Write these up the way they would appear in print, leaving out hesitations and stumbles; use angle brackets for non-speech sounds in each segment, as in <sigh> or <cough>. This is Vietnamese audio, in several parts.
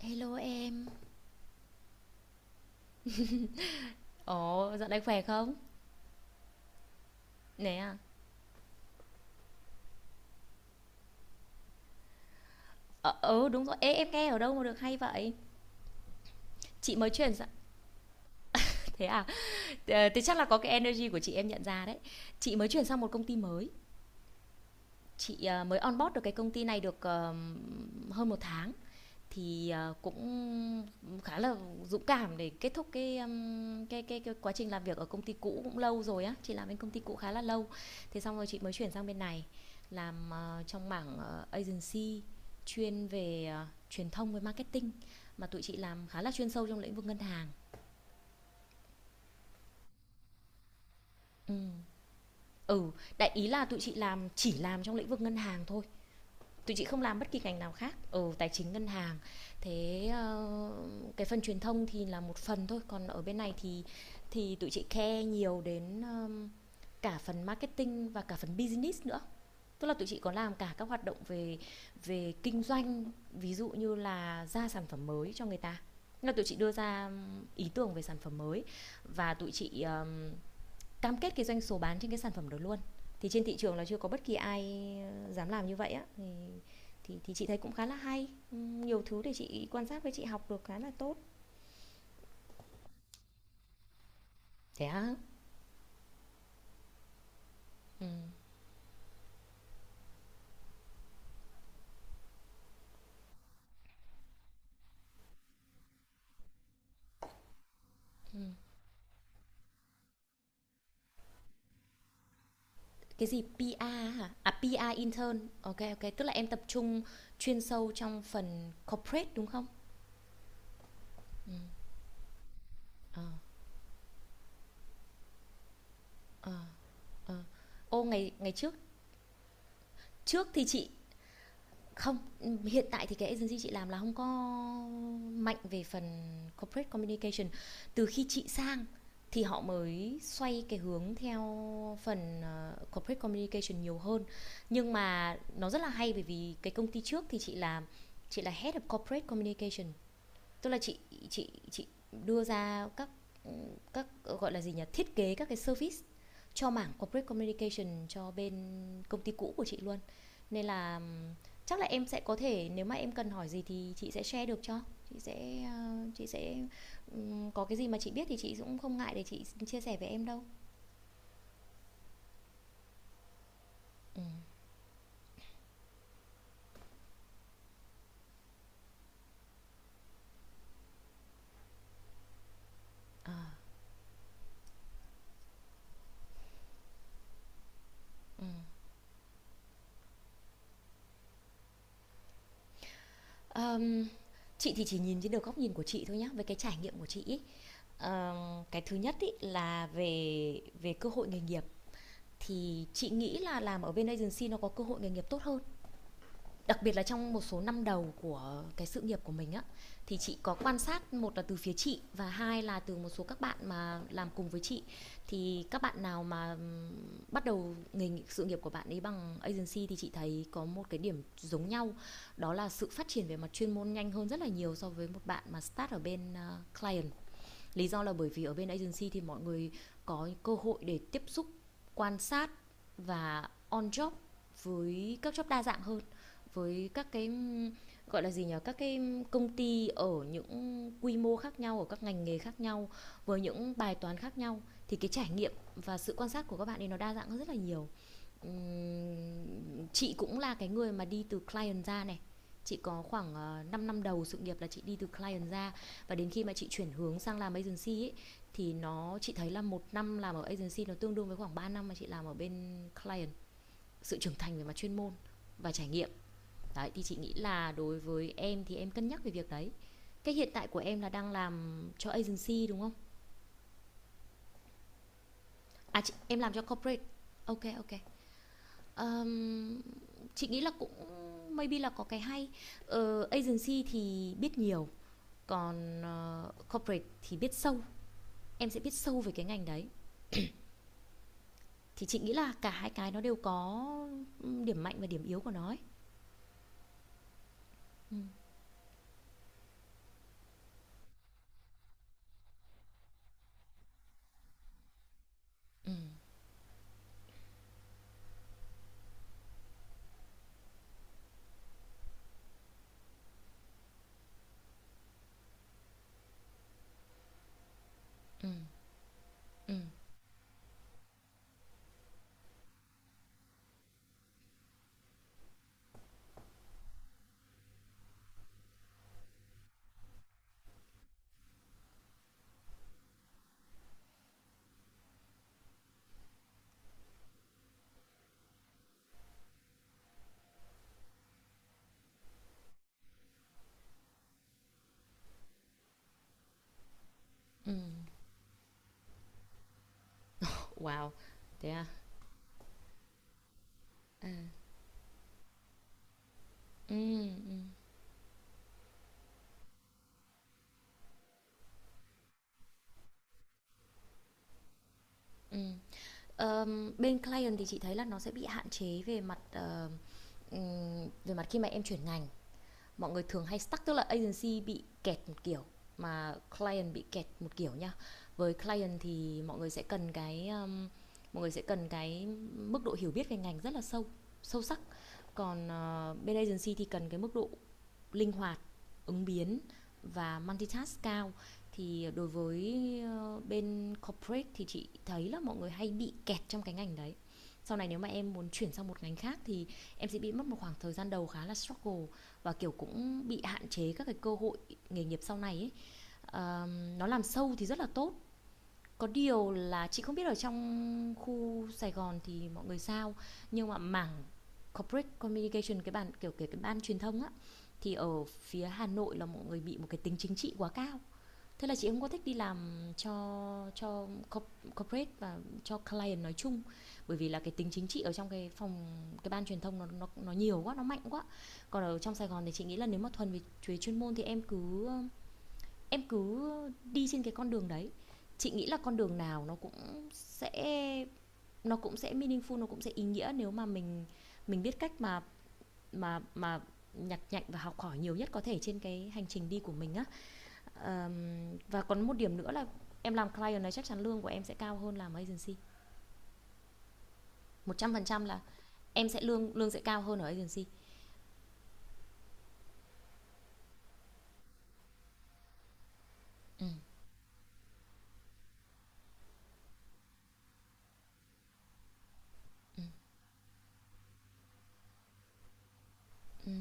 Hello em. Ồ, dạo này khỏe không? Nè à. Ờ, ừ đúng rồi. Ê, em nghe ở đâu mà được hay vậy? Chị mới chuyển sang <laughs> thế à? Thế chắc là có cái energy của chị em nhận ra đấy. Chị mới chuyển sang một công ty mới. Chị mới onboard được cái công ty này được hơn một tháng, thì cũng khá là dũng cảm để kết thúc cái quá trình làm việc ở công ty cũ cũng lâu rồi á, chị làm bên công ty cũ khá là lâu, thế xong rồi chị mới chuyển sang bên này làm trong mảng agency, chuyên về truyền thông với marketing, mà tụi chị làm khá là chuyên sâu trong lĩnh vực ngân hàng. Ừ, ừ. Đại ý là tụi chị chỉ làm trong lĩnh vực ngân hàng thôi, tụi chị không làm bất kỳ ngành nào khác ở tài chính ngân hàng. Thế cái phần truyền thông thì là một phần thôi, còn ở bên này thì tụi chị care nhiều đến cả phần marketing và cả phần business nữa, tức là tụi chị có làm cả các hoạt động về về kinh doanh, ví dụ như là ra sản phẩm mới cho người ta. Nên là tụi chị đưa ra ý tưởng về sản phẩm mới, và tụi chị cam kết cái doanh số bán trên cái sản phẩm đó luôn. Thì trên thị trường là chưa có bất kỳ ai dám làm như vậy á, thì thì chị thấy cũng khá là hay, nhiều thứ để chị quan sát, với chị học được khá là tốt. Thế á. Ừ. Ừ. Cái gì? PR? Hả? À, PR intern, ok ok, tức là em tập trung chuyên sâu trong phần corporate đúng không? Ờ. Ờ. Ờ. À, à. Ô, ngày ngày trước, trước thì chị... Không, hiện tại thì cái agency chị làm là không có mạnh về phần corporate communication. Từ khi chị sang thì họ mới xoay cái hướng theo phần, corporate communication nhiều hơn. Nhưng mà nó rất là hay, bởi vì cái công ty trước thì chị là Head of Corporate Communication, tức là chị chị đưa ra các gọi là gì nhỉ, thiết kế các cái service cho mảng corporate communication cho bên công ty cũ của chị luôn. Nên là chắc là em sẽ có thể, nếu mà em cần hỏi gì thì chị sẽ share được cho, chị sẽ có cái gì mà chị biết thì chị cũng không ngại để chị chia sẻ với em đâu. Ừ. À. um, chị thì chỉ nhìn trên được góc nhìn của chị thôi nhá, về cái trải nghiệm của chị ý. Cái thứ nhất ý là về về cơ hội nghề nghiệp, thì chị nghĩ là làm ở bên agency nó có cơ hội nghề nghiệp tốt hơn, đặc biệt là trong một số năm đầu của cái sự nghiệp của mình á. Thì chị có quan sát, một là từ phía chị và hai là từ một số các bạn mà làm cùng với chị, thì các bạn nào mà bắt đầu nghề sự nghiệp của bạn ấy bằng agency thì chị thấy có một cái điểm giống nhau, đó là sự phát triển về mặt chuyên môn nhanh hơn rất là nhiều so với một bạn mà start ở bên client. Lý do là bởi vì ở bên agency thì mọi người có cơ hội để tiếp xúc, quan sát và on job với các job đa dạng hơn, với các cái gọi là gì nhỉ, các cái công ty ở những quy mô khác nhau, ở các ngành nghề khác nhau, với những bài toán khác nhau, thì cái trải nghiệm và sự quan sát của các bạn ấy nó đa dạng hơn rất là nhiều. Chị cũng là cái người mà đi từ client ra này. Chị có khoảng 5 năm đầu sự nghiệp là chị đi từ client ra, và đến khi mà chị chuyển hướng sang làm agency ấy thì chị thấy là một năm làm ở agency nó tương đương với khoảng 3 năm mà chị làm ở bên client. Sự trưởng thành về mặt chuyên môn và trải nghiệm. Đấy, thì chị nghĩ là đối với em thì em cân nhắc về việc đấy. Cái hiện tại của em là đang làm cho agency đúng không? À chị, em làm cho corporate. Ok ok. Ờm, chị nghĩ là cũng maybe là có cái hay, agency thì biết nhiều, còn corporate thì biết sâu, em sẽ biết sâu về cái ngành đấy, thì chị nghĩ là cả hai cái nó đều có điểm mạnh và điểm yếu của nó ấy. Ừ, ừ. Wow. Thế à, à. Ừ, ừ, ừ. Bên client thì chị thấy là nó sẽ bị hạn chế về mặt khi mà em chuyển ngành, mọi người thường hay stuck, tức là agency bị kẹt một kiểu mà client bị kẹt một kiểu nha. Với client thì mọi người sẽ cần cái mức độ hiểu biết về ngành rất là sâu sâu sắc, còn bên agency thì cần cái mức độ linh hoạt, ứng biến và multitask cao. Thì đối với bên corporate thì chị thấy là mọi người hay bị kẹt trong cái ngành đấy. Sau này nếu mà em muốn chuyển sang một ngành khác thì em sẽ bị mất một khoảng thời gian đầu khá là struggle, và kiểu cũng bị hạn chế các cái cơ hội nghề nghiệp sau này ấy. Nó làm sâu thì rất là tốt, có điều là chị không biết ở trong khu Sài Gòn thì mọi người sao, nhưng mà mảng corporate communication, cái bàn kiểu kể cái ban truyền thông á, thì ở phía Hà Nội là mọi người bị một cái tính chính trị quá cao. Thế là chị không có thích đi làm cho cho corporate và cho client nói chung, bởi vì là cái tính chính trị ở trong cái phòng, cái ban truyền thông nó nhiều quá, nó mạnh quá. Còn ở trong Sài Gòn thì chị nghĩ là nếu mà thuần về chuyên môn thì em cứ đi trên cái con đường đấy, chị nghĩ là con đường nào nó cũng sẽ, nó cũng sẽ meaningful, nó cũng sẽ ý nghĩa nếu mà mình biết cách mà nhặt nhạnh và học hỏi nhiều nhất có thể trên cái hành trình đi của mình á. Và còn một điểm nữa là em làm client này chắc chắn lương của em sẽ cao hơn làm agency, 100% là em sẽ lương lương sẽ cao hơn ở agency. Ừ, ừ, ừ.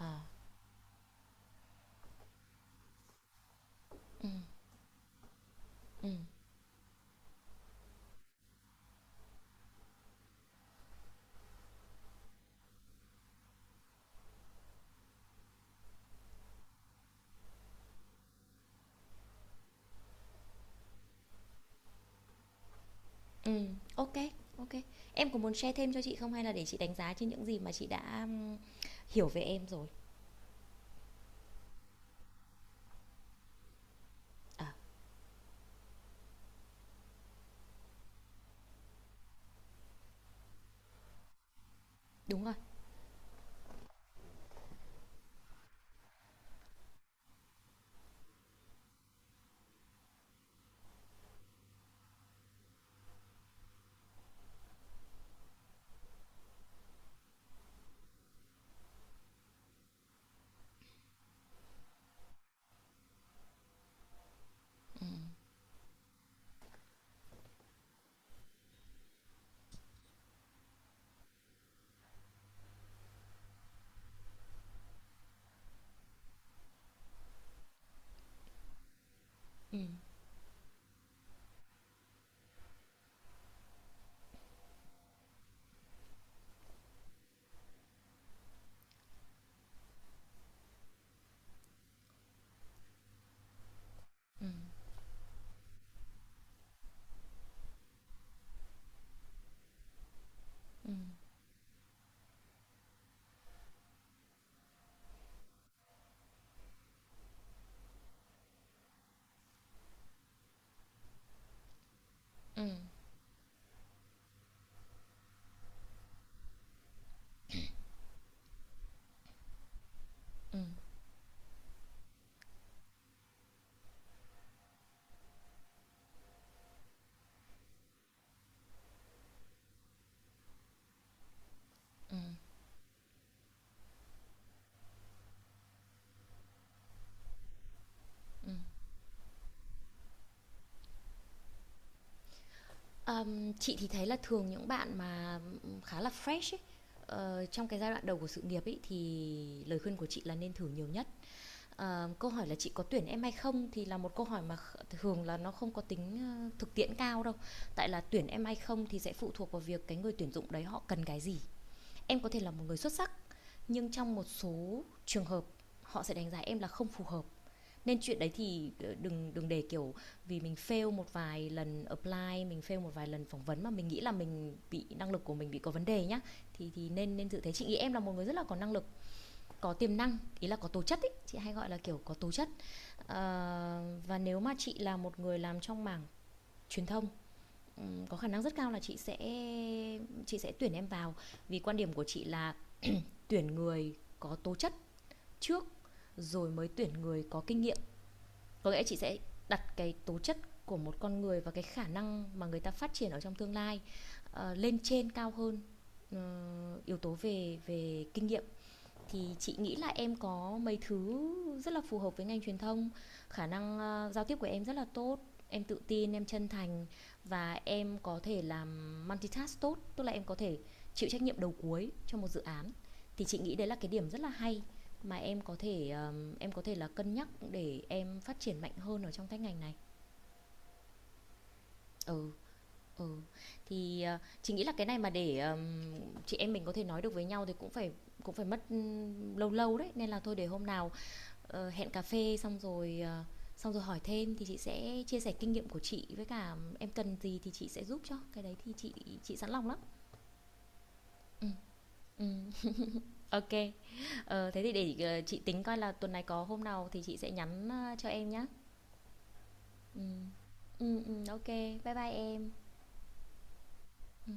À. Ừ, ừ. Ok ok. Em có muốn share thêm cho chị không, hay là để chị đánh giá trên những gì mà chị đã hiểu về em rồi? À, đúng rồi. Ừ, ừ, ừ. Chị thì thấy là thường những bạn mà khá là fresh ấy, trong cái giai đoạn đầu của sự nghiệp ấy, thì lời khuyên của chị là nên thử nhiều nhất. Câu hỏi là chị có tuyển em hay không thì là một câu hỏi mà thường là nó không có tính thực tiễn cao đâu. Tại là tuyển em hay không thì sẽ phụ thuộc vào việc cái người tuyển dụng đấy họ cần cái gì. Em có thể là một người xuất sắc nhưng trong một số trường hợp họ sẽ đánh giá em là không phù hợp, nên chuyện đấy thì đừng đừng để kiểu vì mình fail một vài lần apply, mình fail một vài lần phỏng vấn mà mình nghĩ là mình bị, năng lực của mình bị có vấn đề nhá. Thì nên nên tự thấy, chị nghĩ em là một người rất là có năng lực, có tiềm năng, ý là có tố chất ý, chị hay gọi là kiểu có tố chất. Và nếu mà chị là một người làm trong mảng truyền thông, có khả năng rất cao là chị sẽ tuyển em vào, vì quan điểm của chị là tuyển người có tố chất trước, rồi mới tuyển người có kinh nghiệm. Có nghĩa chị sẽ đặt cái tố chất của một con người và cái khả năng mà người ta phát triển ở trong tương lai lên trên cao hơn yếu tố về về kinh nghiệm. Thì chị nghĩ là em có mấy thứ rất là phù hợp với ngành truyền thông. Khả năng giao tiếp của em rất là tốt, em tự tin, em chân thành, và em có thể làm multitask tốt, tức là em có thể chịu trách nhiệm đầu cuối cho một dự án. Thì chị nghĩ đấy là cái điểm rất là hay mà em có thể là cân nhắc để em phát triển mạnh hơn ở trong cái ngành này. Ừ, ừ. Thì, chị nghĩ là cái này mà để, chị em mình có thể nói được với nhau thì cũng phải, cũng phải mất, lâu lâu đấy, nên là thôi để hôm nào hẹn cà phê xong rồi xong rồi hỏi thêm, thì chị sẽ chia sẻ kinh nghiệm của chị, với cả em cần gì thì chị sẽ giúp cho cái đấy, thì chị sẵn lòng lắm. Ừ, ừ. Ok. Thế thì để chị tính coi là tuần này có hôm nào thì chị sẽ nhắn cho em nhá. Ừ. Ừ, ừ, ok bye bye em. Ừ.